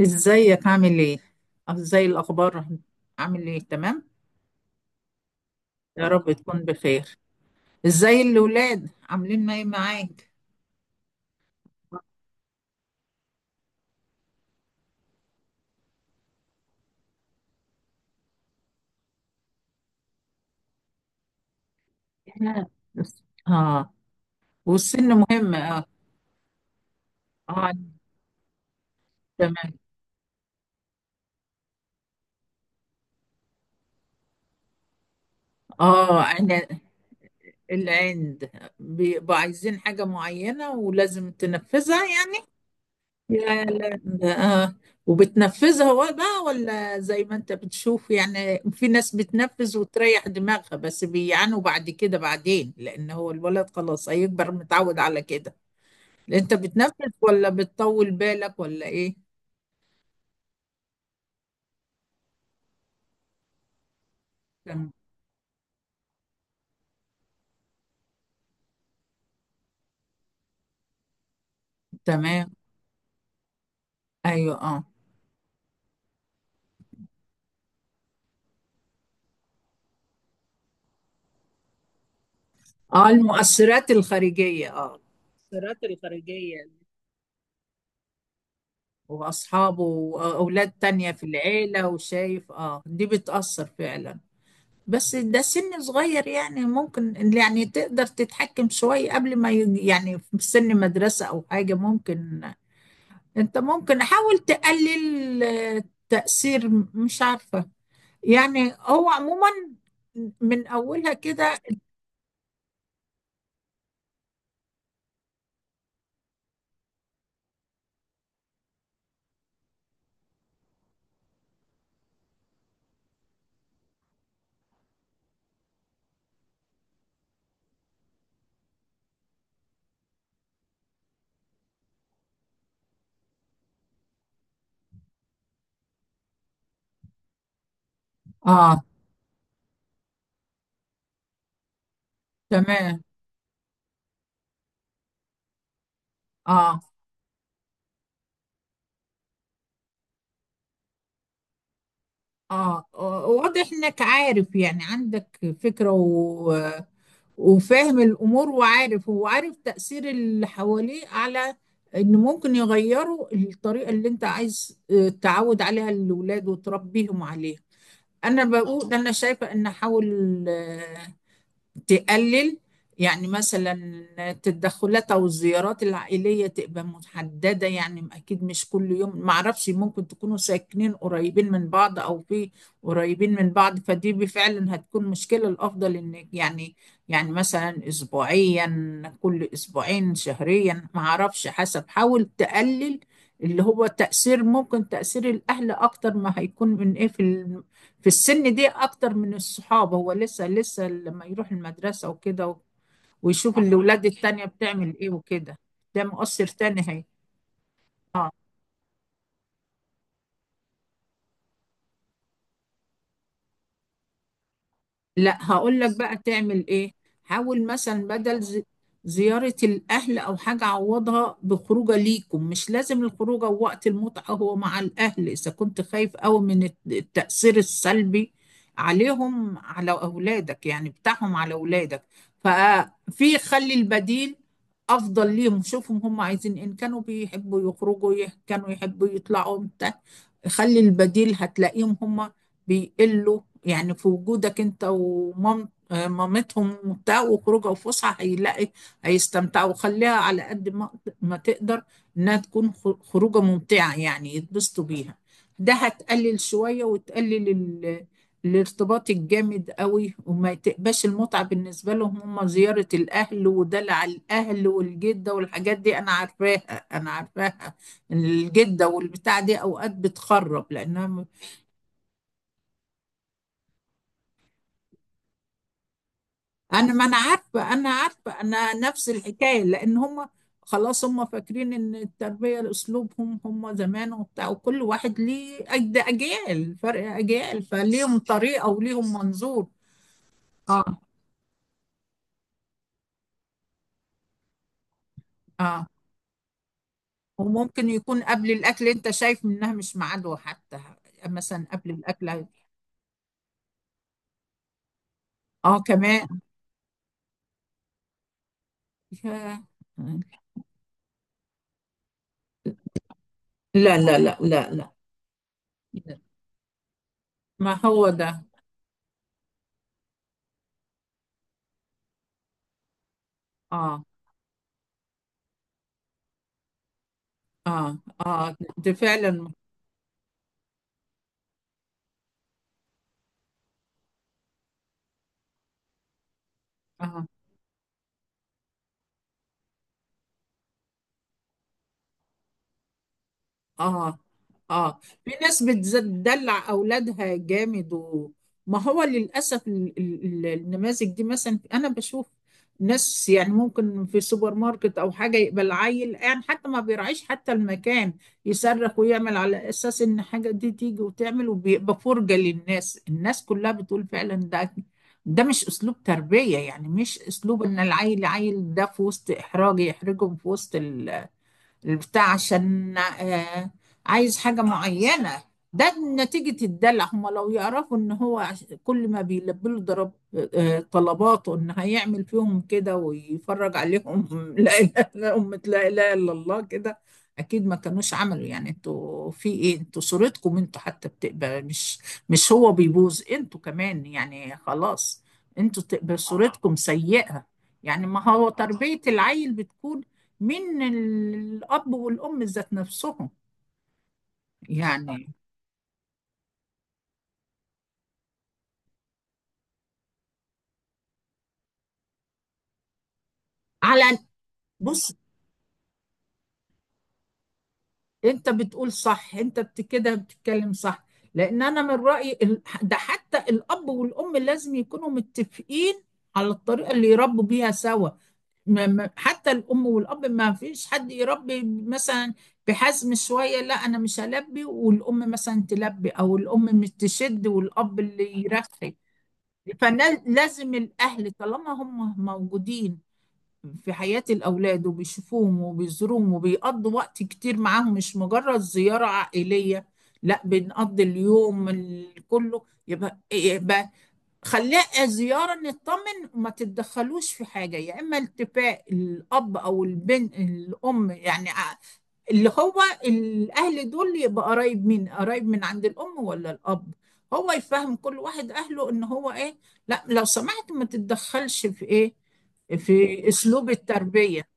ازيك؟ عامل ايه؟ أه، ازاي الاخبار؟ عامل ايه؟ تمام. يا رب تكون بخير. ازاي الاولاد، عاملين ايه معاك؟ إحنا- اه. والسن مهم، اه. اه، تمام. اه، انا العند، بيبقوا عايزين حاجة معينة ولازم تنفذها. يعني يا لهوي، اه. وبتنفذها بقى، ولا زي ما انت بتشوف؟ يعني في ناس بتنفذ وتريح دماغها، بس بيعانوا بعد كده بعدين، لان هو الولد خلاص هيكبر متعود على كده. انت بتنفذ ولا بتطول بالك ولا ايه؟ تم- تمام. ايوه، اه. اه، المؤثرات الخارجية، اه، المؤثرات الخارجية. واصحابه واولاد تانية في العيلة، وشايف اه، دي بتأثر فعلا. بس ده سن صغير يعني، ممكن يعني تقدر تتحكم شوية قبل ما يعني في سن مدرسة أو حاجة ممكن. أنت ممكن حاول تقلل تأثير، مش عارفة، يعني هو عموما من أولها كده. آه، تمام. آه، آه، واضح إنك عارف، يعني عندك فكرة وفاهم الأمور، وعارف، هو عارف تأثير اللي حواليه على إن ممكن يغيروا الطريقة اللي أنت عايز تعود عليها الأولاد وتربيهم عليها. أنا بقول، أنا شايفة إن أحاول تقلل. يعني مثلا التدخلات او الزيارات العائليه تبقى محدده، يعني اكيد مش كل يوم. ما اعرفش، ممكن تكونوا ساكنين قريبين من بعض او في، قريبين من بعض فدي بفعلا هتكون مشكله. الافضل ان يعني، يعني مثلا اسبوعيا، كل اسبوعين، شهريا، ما اعرفش حسب. حاول تقلل اللي هو تأثير، ممكن تأثير الأهل أكتر ما هيكون من إيه في السن دي، اكتر من الصحاب. هو لسه لسه لما يروح المدرسة وكده ويشوف الاولاد التانية بتعمل ايه وكده. ده مؤثر تاني هي. اه. لا هقول لك بقى تعمل ايه. حاول مثلا بدل زيارة الاهل او حاجة، عوضها بخروجه ليكم. مش لازم الخروجه وقت المتعة هو مع الاهل اذا كنت خايف قوي من التأثير السلبي عليهم، على اولادك، يعني بتاعهم على اولادك. ففي، خلي البديل افضل ليهم. شوفهم هم عايزين إيه. ان كانوا بيحبوا يخرجوا كانوا يحبوا يطلعوا بتاع. خلي البديل هتلاقيهم هم بيقلوا، يعني في وجودك انت ومام آه، مامتهم وبتاع، وخروجه وفسحه هيلاقي، هيستمتعوا. وخليها على قد ما ما تقدر انها تكون خروجه ممتعه، يعني يتبسطوا بيها. ده هتقلل شويه، وتقلل الارتباط الجامد قوي، وما تبقاش المتعه بالنسبه لهم هم زياره الاهل ودلع الاهل والجده والحاجات دي. انا عارفاها، انا عارفاها، الجده والبتاع دي اوقات بتخرب لانها، انا ما انا عارفه، انا عارفه، انا نفس الحكايه. لان هم خلاص هم فاكرين ان التربيه اسلوبهم هم زمان وبتاع، وكل واحد ليه ده اجيال، فرق اجيال، فليهم طريقه وليهم منظور. اه. اه، وممكن يكون قبل الاكل، انت شايف منها مش ميعاده حتى، مثلا قبل الاكل. اه، كمان. يا- لا، لا، لا، لا، لا. ما هو ده. اه. اه، اه، ده فعلا. اه. اه. اه. في ناس بتدلع اولادها جامد و... ما هو للاسف النماذج دي. مثلا انا بشوف ناس، يعني ممكن في سوبر ماركت او حاجه يقبل العيل، يعني حتى ما بيراعيش حتى المكان، يصرخ ويعمل على اساس ان حاجه دي تيجي وتعمل، وبيبقى فرجه للناس. الناس كلها بتقول فعلا ده، ده مش اسلوب تربيه يعني. مش اسلوب ان العيل، عيل ده، في وسط احراج، يحرجهم في وسط البتاع عشان عايز حاجة معينة. ده نتيجة الدلع. هم لو يعرفوا ان هو كل ما بيلبي له ضرب طلباته، ان هيعمل فيهم كده ويفرج عليهم لا اله الا أمة، لا اله الا الله كده. اكيد ما كانوش عملوا، يعني انتوا في ايه؟ انتوا صورتكم انتوا حتى بتقبل، مش مش هو بيبوظ، انتوا كمان يعني خلاص، انتوا تقبل صورتكم سيئة. يعني ما هو تربية العيل بتكون من الأب والأم ذات نفسهم يعني. على، بص. أنت بتقول صح. أنت كده بتتكلم صح، لأن أنا من رأيي ده حتى الأب والأم لازم يكونوا متفقين على الطريقة اللي يربوا بيها سوا. حتى الأم والأب ما فيش حد يربي مثلا بحزم شوية لا، أنا مش هلبي والأم مثلا تلبي، أو الأم مش تشد والأب اللي يرخي. فلازم الأهل طالما هم موجودين في حياة الأولاد وبيشوفوهم وبيزوروهم وبيقضوا وقت كتير معاهم، مش مجرد زيارة عائلية، لا بنقضي اليوم كله، يبقى، خليها زيارة نطمن، وما تتدخلوش في حاجة، يا إما التفاء الأب أو البنت الأم يعني، اللي هو الأهل دول يبقى قرايب مين؟ قرايب من عند الأم ولا الأب؟ هو يفهم كل واحد أهله إن هو إيه؟ لا لو سمحت، ما تتدخلش في إيه؟ في أسلوب التربية.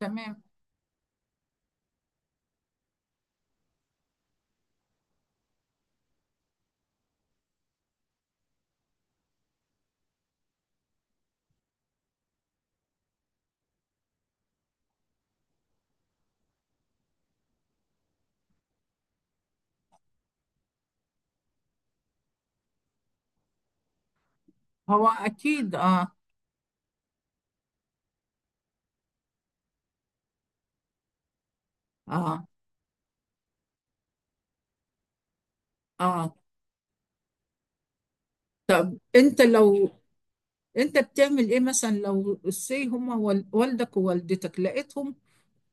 تمام. هو أكيد، آه. آه. آه. أنت لو، أنت بتعمل إيه مثلا لو سي هما والدك ووالدتك لقيتهم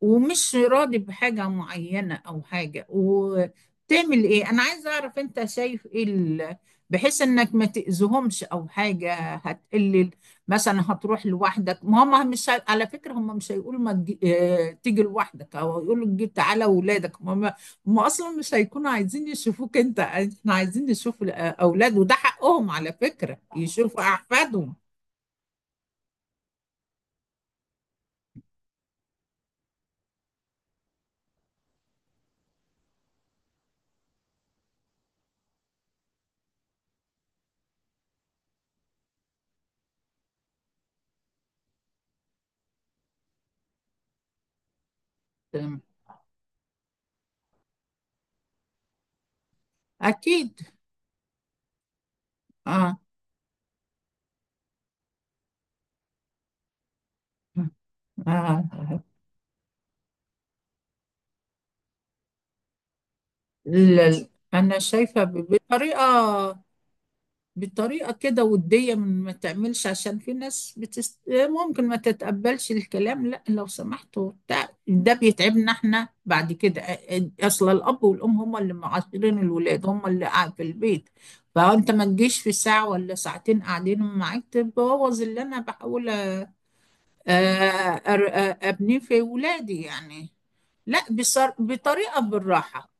ومش راضي بحاجة معينة أو حاجة، وتعمل إيه؟ أنا عايزة أعرف أنت شايف إيه بحيث إنك ما تأذيهمش أو حاجة هتقلل؟ مثلا هتروح لوحدك، ما هم مش على فكرة هم مش هيقولوا ما تجي، تيجي لوحدك، أو هيقولوا تجي تعالى ولادك. هم هم أصلا مش هيكونوا عايزين يشوفوك أنت، إحنا عايزين نشوف الأولاد، وده حقهم على فكرة يشوفوا أحفادهم. أكيد، آه. آه. لا، انا شايفه بطريقه، بطريقه كده وديه، من ما تعملش، عشان في ناس بتست، ممكن ما تتقبلش الكلام، لا لو سمحتوا ده بيتعبنا احنا بعد كده. اصل الاب والام هم اللي معاشرين الولاد، هم اللي قاعد في البيت. فانت ما تجيش في ساعه ولا ساعتين قاعدين معاك تبوظ اللي انا بحاول أر- ابنيه في ولادي يعني. لا بصر، بطريقه بالراحه.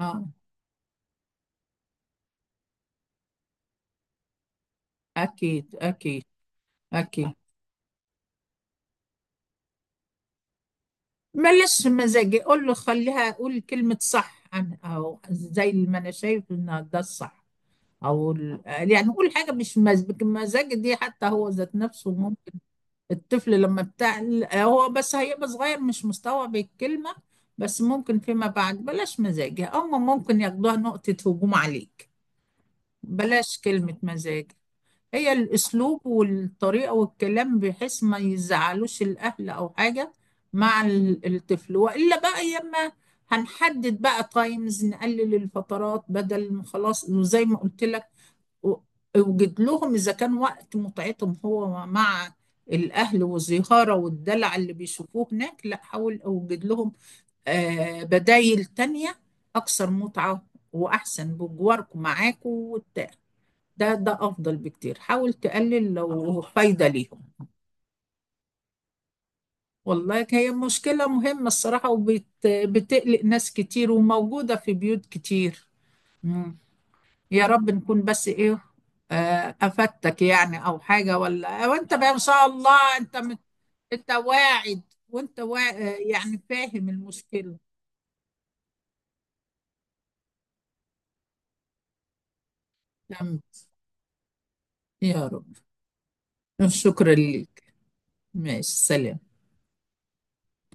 اه، اكيد، اكيد. أكيد. بلاش مزاجي، قول له خليها، أقول كلمة صح، عن أو زي ما أنا شايف إن ده الصح. أو يعني قول حاجة مش مزاج. مزاج دي حتى هو ذات نفسه ممكن الطفل، لما بتاع، هو بس هيبقى صغير مش مستوعب الكلمة، بس ممكن فيما بعد، بلاش مزاجي، أما ممكن ياخدوها نقطة هجوم عليك. بلاش كلمة مزاج. هي الأسلوب والطريقة والكلام بحيث ما يزعلوش الأهل أو حاجة، مع الطفل، وإلا بقى يما. هنحدد بقى تايمز، نقلل الفترات بدل ما خلاص، وزي ما قلت لك، و- اوجد لهم، إذا كان وقت متعتهم هو مع الأهل والزهارة والدلع اللي بيشوفوه هناك، لا حاول أوجد لهم آه، بدايل تانية أكثر متعة وأحسن بجواركم معاكم. ده، افضل بكتير. حاول تقلل لو فايده ليهم. والله هي مشكله مهمه الصراحه، وبتقلق ناس كتير وموجوده في بيوت كتير. مم. يا رب نكون بس ايه، افدتك يعني، او حاجه، ولا وانت بقى ان شاء الله انت مت... انت واعد، وانت وا، يعني فاهم المشكله. تمام. يا رب. شكرا ليك. ماشي، سلام.